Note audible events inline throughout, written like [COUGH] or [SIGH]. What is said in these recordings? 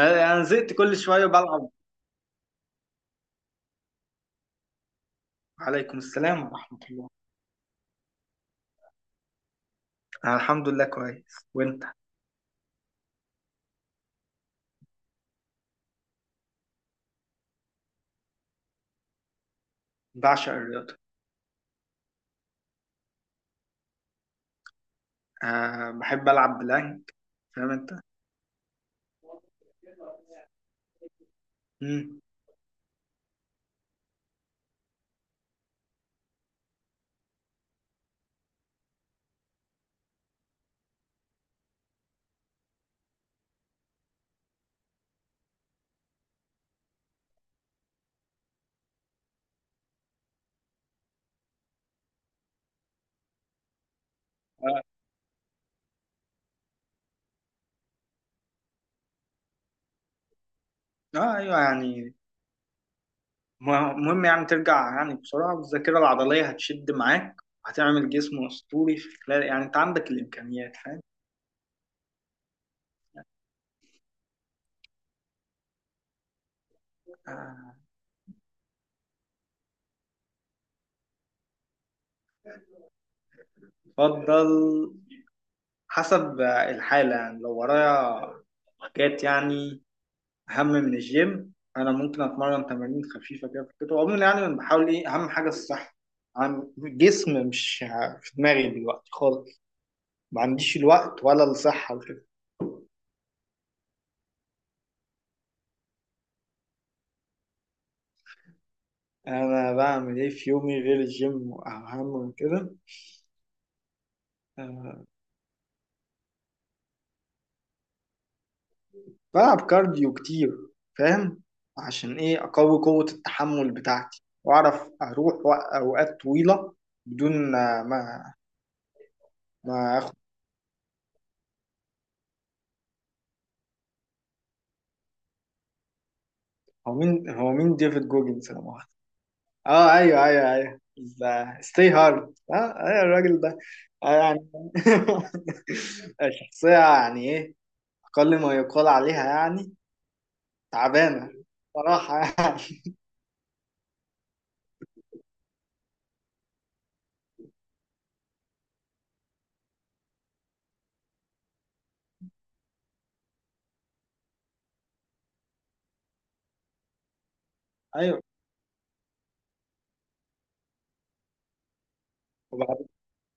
انا زهقت كل شويه بلعب. عليكم السلام ورحمه الله. انا الحمد لله كويس. وانت؟ بعشق الرياضه. بحب العب بلانك، فاهم انت. مم. اه. ايوه يعني مهم يعني ترجع، يعني بسرعه الذاكره العضليه هتشد معاك، هتعمل جسم اسطوري في خلال، يعني انت عندك الامكانيات، فاهم. آه، افضل حسب الحاله، يعني لو ورايا حاجات يعني اهم من الجيم، انا ممكن اتمرن تمارين خفيفه كده في الكتف عموما، يعني انا بحاول ايه، اهم حاجه الصحه عن جسم، مش في دماغي دلوقتي خالص، ما عنديش الوقت ولا الصحه وكده. انا بعمل ايه في يومي غير الجيم اهم من كده؟ أه. بلعب كارديو كتير، فاهم، عشان ايه، اقوي قوه التحمل بتاعتي، واعرف اروح اوقات طويله بدون ما ما اخد. هو مين، ديفيد جوجنز؟ انا اه، ايوه ايوه ايوه، ستي هارد، اه ايوه الراجل ده. يعني [LAUGHS] شخصية، يعني ايه، اقل ما يقال عليها يعني، تعبانة صراحة يعني. ايوه. وبعد،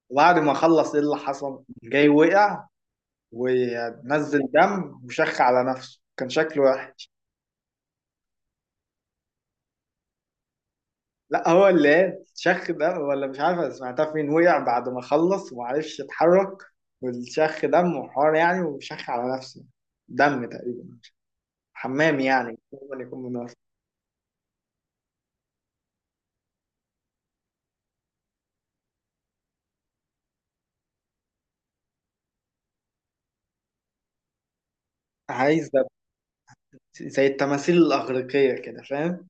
وبعد ما خلص ايه اللي حصل؟ جاي وقع ونزل دم وشخ على نفسه، كان شكله وحش. لا، هو اللي ايه، شخ دم ولا مش عارف، أنا سمعتها فين. وقع بعد ما خلص ومعرفش يتحرك، والشخ دم وحوار يعني، وشخ على نفسه دم تقريبا، حمام يعني هو اللي يكون مناسب. عايز ده زي التماثيل الأغريقية كده، فاهم.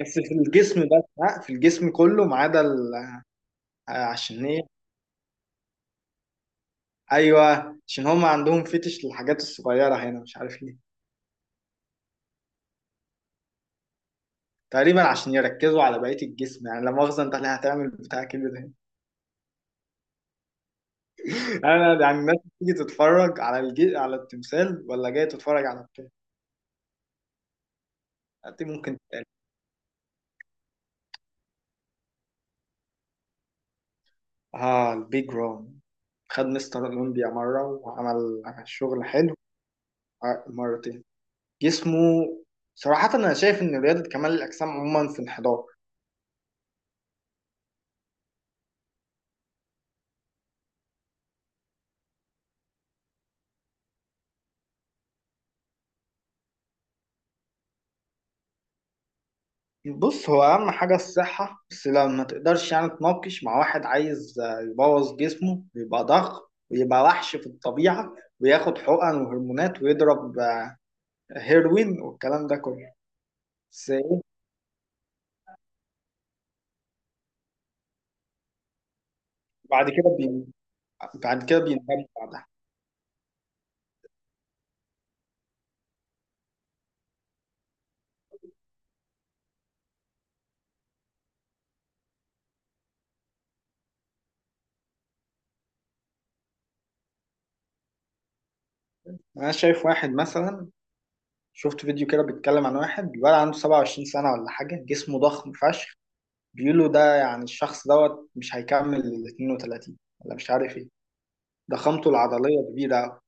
بس في الجسم بس، لا في الجسم كله ما عدا عشان ايه. ايوه، عشان هم عندهم فتش للحاجات الصغيرة هنا، مش عارف ليه، تقريبا عشان يركزوا على بقية الجسم. يعني لا مؤاخذة، انت اللي هتعمل بتاع كبير ده. [LAUGHS] انا يعني الناس بتيجي تتفرج على على التمثال ولا جاي تتفرج على بتاع؟ دي ممكن تتقال. اه، البيج رام، خد مستر اولمبيا مرة وعمل شغل حلو. مرتين. جسمه صراحة، أنا شايف إن رياضة كمال الأجسام عموما في انحدار. بص، هو أهم حاجة الصحة، بس لو ما تقدرش يعني تناقش مع واحد عايز يبوظ جسمه ويبقى ضخم ويبقى وحش في الطبيعة، وياخد حقن وهرمونات ويضرب هيروين والكلام ده كله. بس إيه، بعد كده بي... بعد كده بيندم بعدها. أنا شايف واحد مثلا، شفت فيديو كده بيتكلم عن واحد، الولد عنده 27 سنة ولا حاجة، جسمه ضخم فشخ، بيقولوا ده يعني الشخص دوت مش هيكمل ال 32 ولا مش عارف ايه. ضخامته العضلية كبيرة أوي.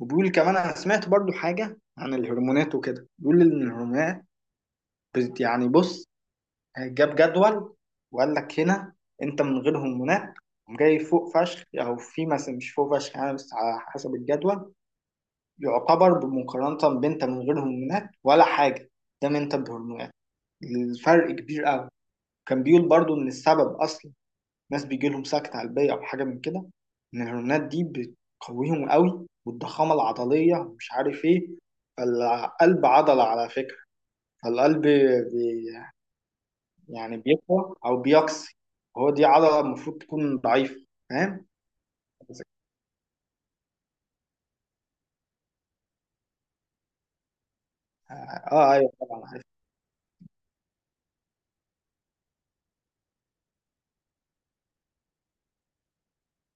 وبيقول كمان، أنا سمعت برضو حاجة عن الهرمونات وكده، بيقول إن الهرمونات يعني بص، جاب جدول وقال لك هنا أنت من غير هرمونات جاي فوق فشخ أو في مثلا مش فوق فشخ يعني، بس على حسب الجدول يعتبر بمقارنة، بأنت من غير هرمونات ولا حاجة، ده أنت بهرمونات، الفرق كبير أوي. كان بيقول برضو إن السبب أصلا ناس بيجي لهم سكتة قلبية أو حاجة من كده، إن الهرمونات دي بتقويهم قوي، والضخامة العضلية ومش عارف إيه، فالقلب عضلة على فكرة، فالقلب بي، يعني بيقوى أو بيقسي، هو دي عضلة المفروض تكون ضعيفة، فاهم؟ آه. أيوه طبعا عارف.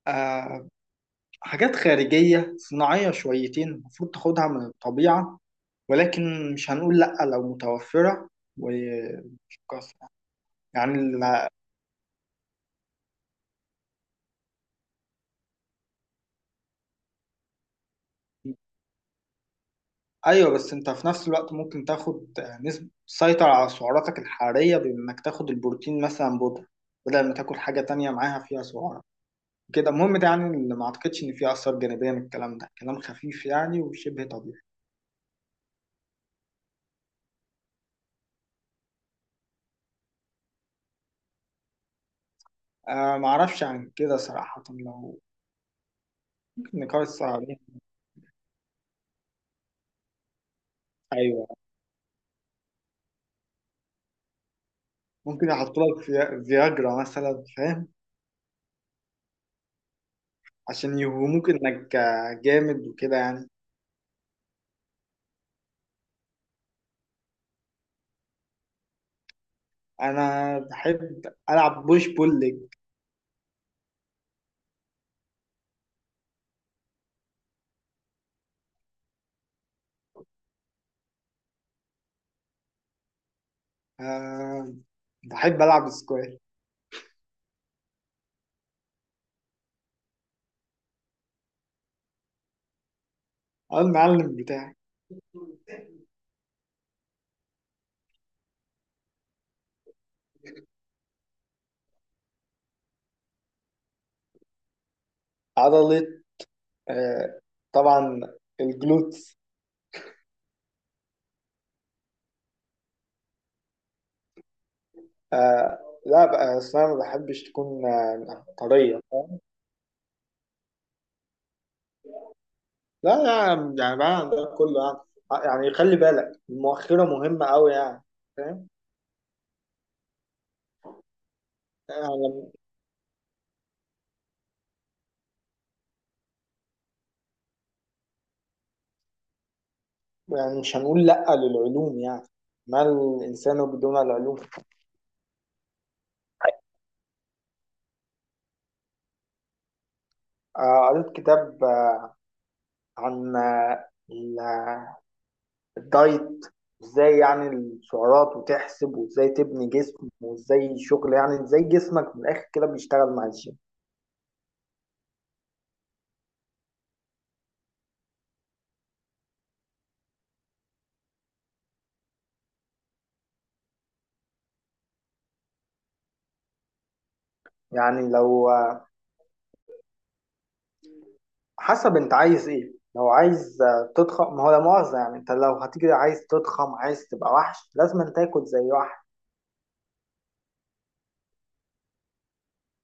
آه، حاجات خارجية صناعية شويتين، المفروض تاخدها من الطبيعة، ولكن مش هنقول لأ لو متوفرة وتتكاثر يعني. ايوه بس انت في نفس الوقت ممكن تاخد نسبة، تسيطر على سعراتك الحرارية بانك تاخد البروتين مثلا بودرة، بدل ما تاكل حاجة تانية معاها فيها سعرات. كده المهم ده، يعني اللي ما اعتقدش ان فيه اثار جانبية من الكلام ده، كلام خفيف يعني وشبه طبيعي. آه ما اعرفش عن كده صراحة، لو ممكن نقارس عليه. ايوه ممكن يحط لك فياجرا مثلا، فاهم، عشان يوهموك انك جامد وكده يعني. انا بحب العب بوش بول ليج. آه بحب العب سكواش. اه المعلم بتاعي. عضلة، آه، طبعا الجلوتس. آه، لا بقى، أصل أنا ما بحبش تكون طرية، فاهم؟ لا لا، يعني بقى عندنا كله يعني، يعني خلي بالك المؤخرة مهمة أوي يعني، فاهم يعني. يعني مش هنقول لأ للعلوم يعني، ما الإنسان بدون العلوم. آه قريت كتاب آه عن الدايت، ازاي يعني السعرات وتحسب، وازاي تبني جسم، وازاي شغل يعني، ازاي جسمك من الاخر كده بيشتغل مع الجيم. يعني لو حسب انت عايز ايه. لو عايز تضخم، ما هو لا مؤاخذة يعني، انت لو هتيجي عايز تضخم، عايز تبقى وحش، لازم أن تاكل زي وحش.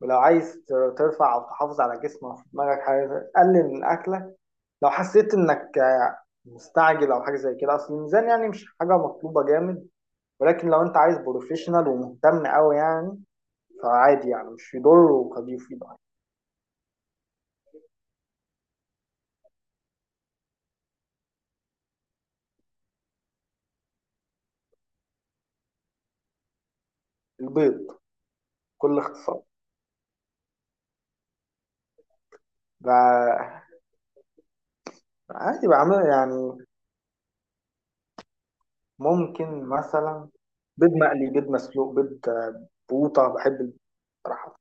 ولو عايز ترفع او تحافظ على جسمك وفي دماغك حاجه، قلل من اكلك. لو حسيت انك مستعجل او حاجه زي كده، اصل الميزان يعني مش حاجه مطلوبه جامد، ولكن لو انت عايز بروفيشنال ومهتم قوي يعني، فعادي يعني مش يضر، وخفيف يضر. البيض بكل اختصار. بقى- عادي بعمل يعني، ممكن مثلا بيض مقلي، بيض مسلوق، بيض بقوطة، بحب البيض بصراحة.